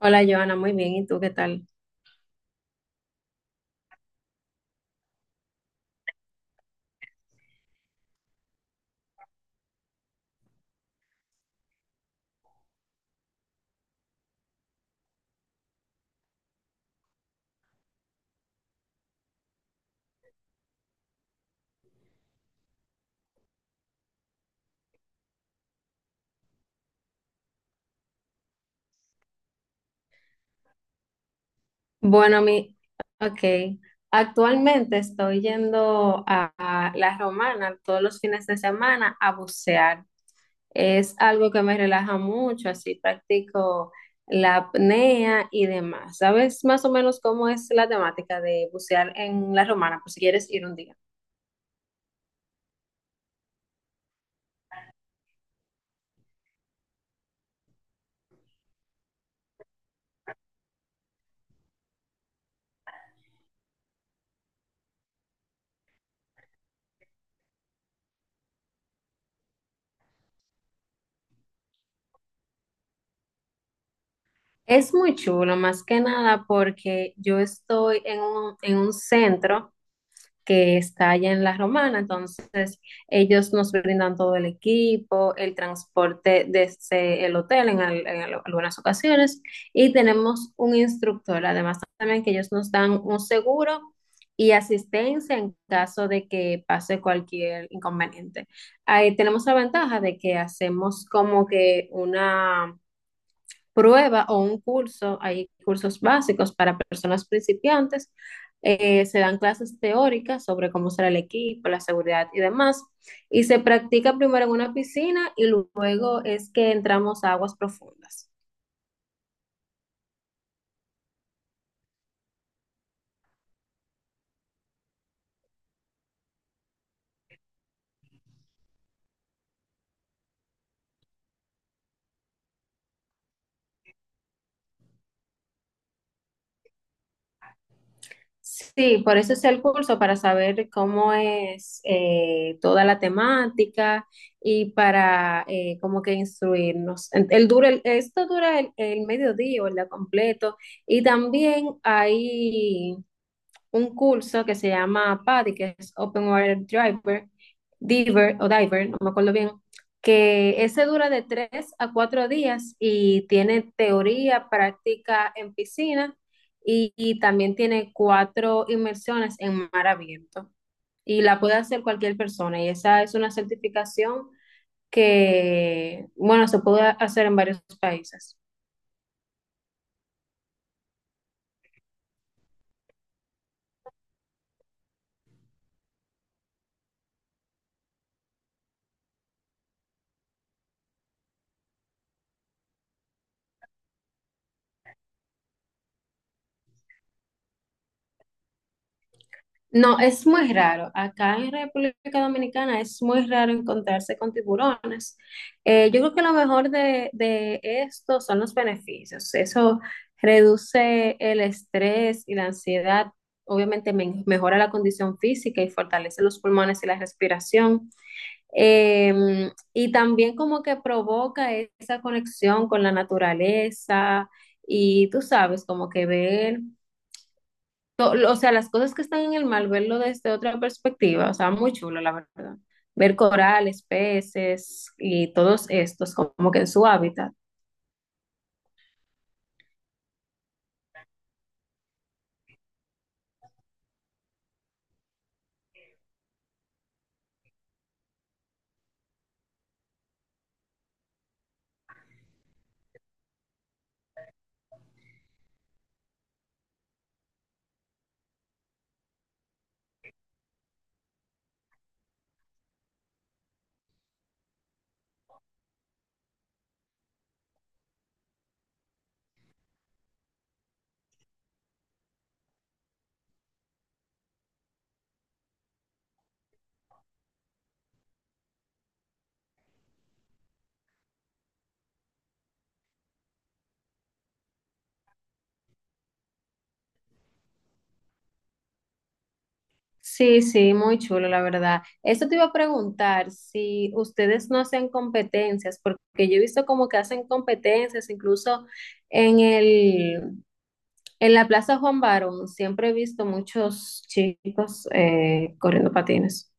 Hola, Joana, muy bien. ¿Y tú qué tal? Bueno, mi, ok. Actualmente estoy yendo a La Romana todos los fines de semana a bucear. Es algo que me relaja mucho, así practico la apnea y demás. ¿Sabes más o menos cómo es la temática de bucear en La Romana, por si quieres ir un día? Es muy chulo, más que nada porque yo estoy en en un centro que está allá en La Romana. Entonces, ellos nos brindan todo el equipo, el transporte desde el hotel en algunas ocasiones, y tenemos un instructor. Además, también que ellos nos dan un seguro y asistencia en caso de que pase cualquier inconveniente. Ahí tenemos la ventaja de que hacemos como que una prueba o un curso. Hay cursos básicos para personas principiantes. Se dan clases teóricas sobre cómo será el equipo, la seguridad y demás, y se practica primero en una piscina y luego es que entramos a aguas profundas. Sí, por eso es el curso, para saber cómo es toda la temática y para como que instruirnos. Esto dura el mediodía o el día completo, y también hay un curso que se llama PADI, que es Open Water Diver Diver o Diver, no me acuerdo bien, que ese dura de tres a cuatro días y tiene teoría, práctica en piscina y también tiene cuatro inmersiones en mar abierto. Y la puede hacer cualquier persona, y esa es una certificación que, bueno, se puede hacer en varios países. No, es muy raro. Acá en República Dominicana es muy raro encontrarse con tiburones. Yo creo que lo mejor de esto son los beneficios. Eso reduce el estrés y la ansiedad. Obviamente mejora la condición física y fortalece los pulmones y la respiración. Y también como que provoca esa conexión con la naturaleza, y tú sabes, como que ver o sea, las cosas que están en el mar, verlo desde otra perspectiva, o sea, muy chulo, la verdad. Ver corales, peces y todos estos como que en su hábitat. Sí, sí, muy chulo, la verdad. Eso te iba a preguntar si ustedes no hacen competencias, porque yo he visto como que hacen competencias, incluso en el, en la Plaza Juan Barón. Siempre he visto muchos chicos corriendo patines.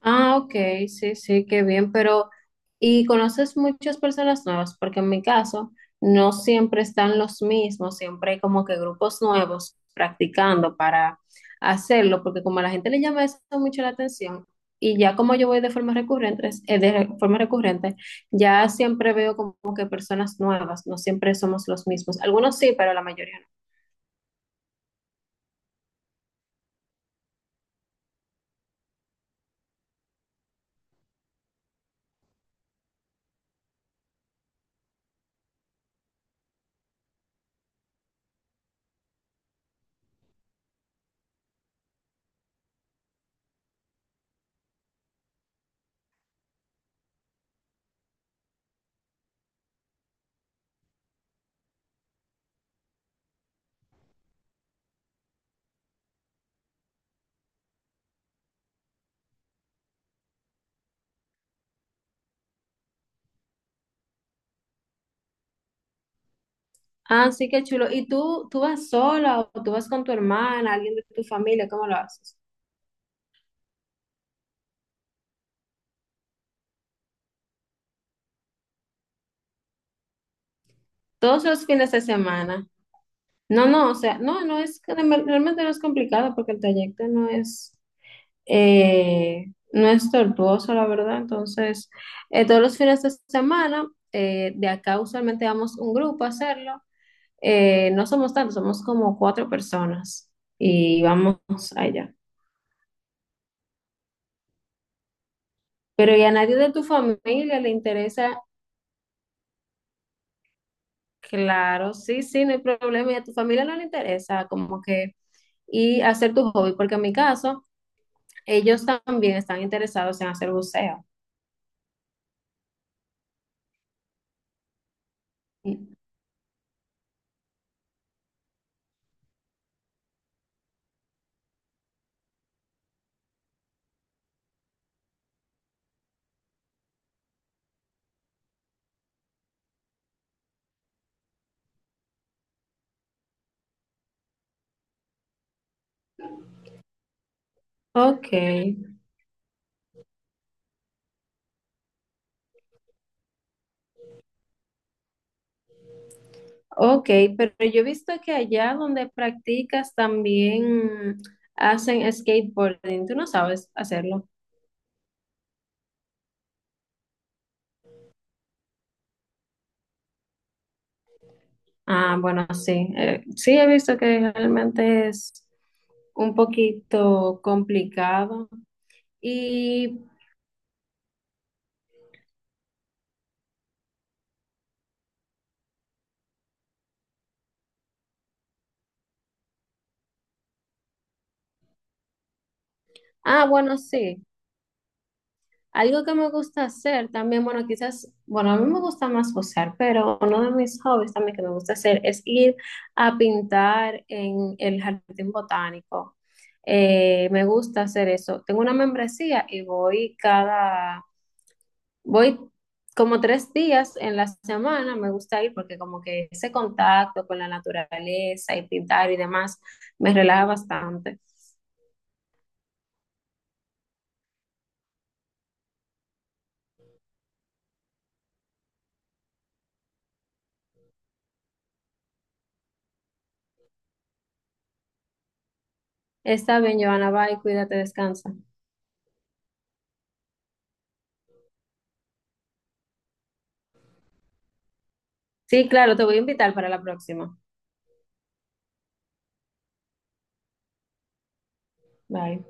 Ah, ok, sí, sí, qué bien. Pero ¿y conoces muchas personas nuevas? Porque en mi caso no siempre están los mismos, siempre hay como que grupos nuevos practicando para hacerlo, porque como a la gente le llama eso mucho la atención, y ya como yo voy de forma recurrente, forma recurrente, ya siempre veo como que personas nuevas, no siempre somos los mismos. Algunos sí, pero la mayoría no. Ah, sí, qué chulo. ¿Y tú, vas sola o tú vas con tu hermana, alguien de tu familia? ¿Cómo lo haces? Todos los fines de semana. No, no, o sea, realmente no es complicado porque el trayecto eh, no es tortuoso, la verdad. Entonces, todos los fines de semana, de acá usualmente vamos un grupo a hacerlo. No somos tantos, somos como cuatro personas, y vamos allá. Pero ¿y a nadie de tu familia le interesa? Claro, sí, sí, no hay problema. ¿Y a tu familia no le interesa como que y hacer tu hobby? Porque en mi caso, ellos también están interesados en hacer buceo. Ok, ok, pero yo he visto que allá donde practicas también hacen skateboarding. ¿Tú no sabes hacerlo? Ah, bueno, sí. Sí, he visto que realmente es un poquito complicado. Y, ah, bueno, sí. Algo que me gusta hacer también, bueno, quizás, bueno, a mí me gusta más gozar, pero uno de mis hobbies también que me gusta hacer es ir a pintar en el jardín botánico. Me gusta hacer eso. Tengo una membresía y voy voy como tres días en la semana. Me gusta ir porque como que ese contacto con la naturaleza y pintar y demás me relaja bastante. Está bien, Joana, bye, cuídate, descansa. Sí, claro, te voy a invitar para la próxima. Bye.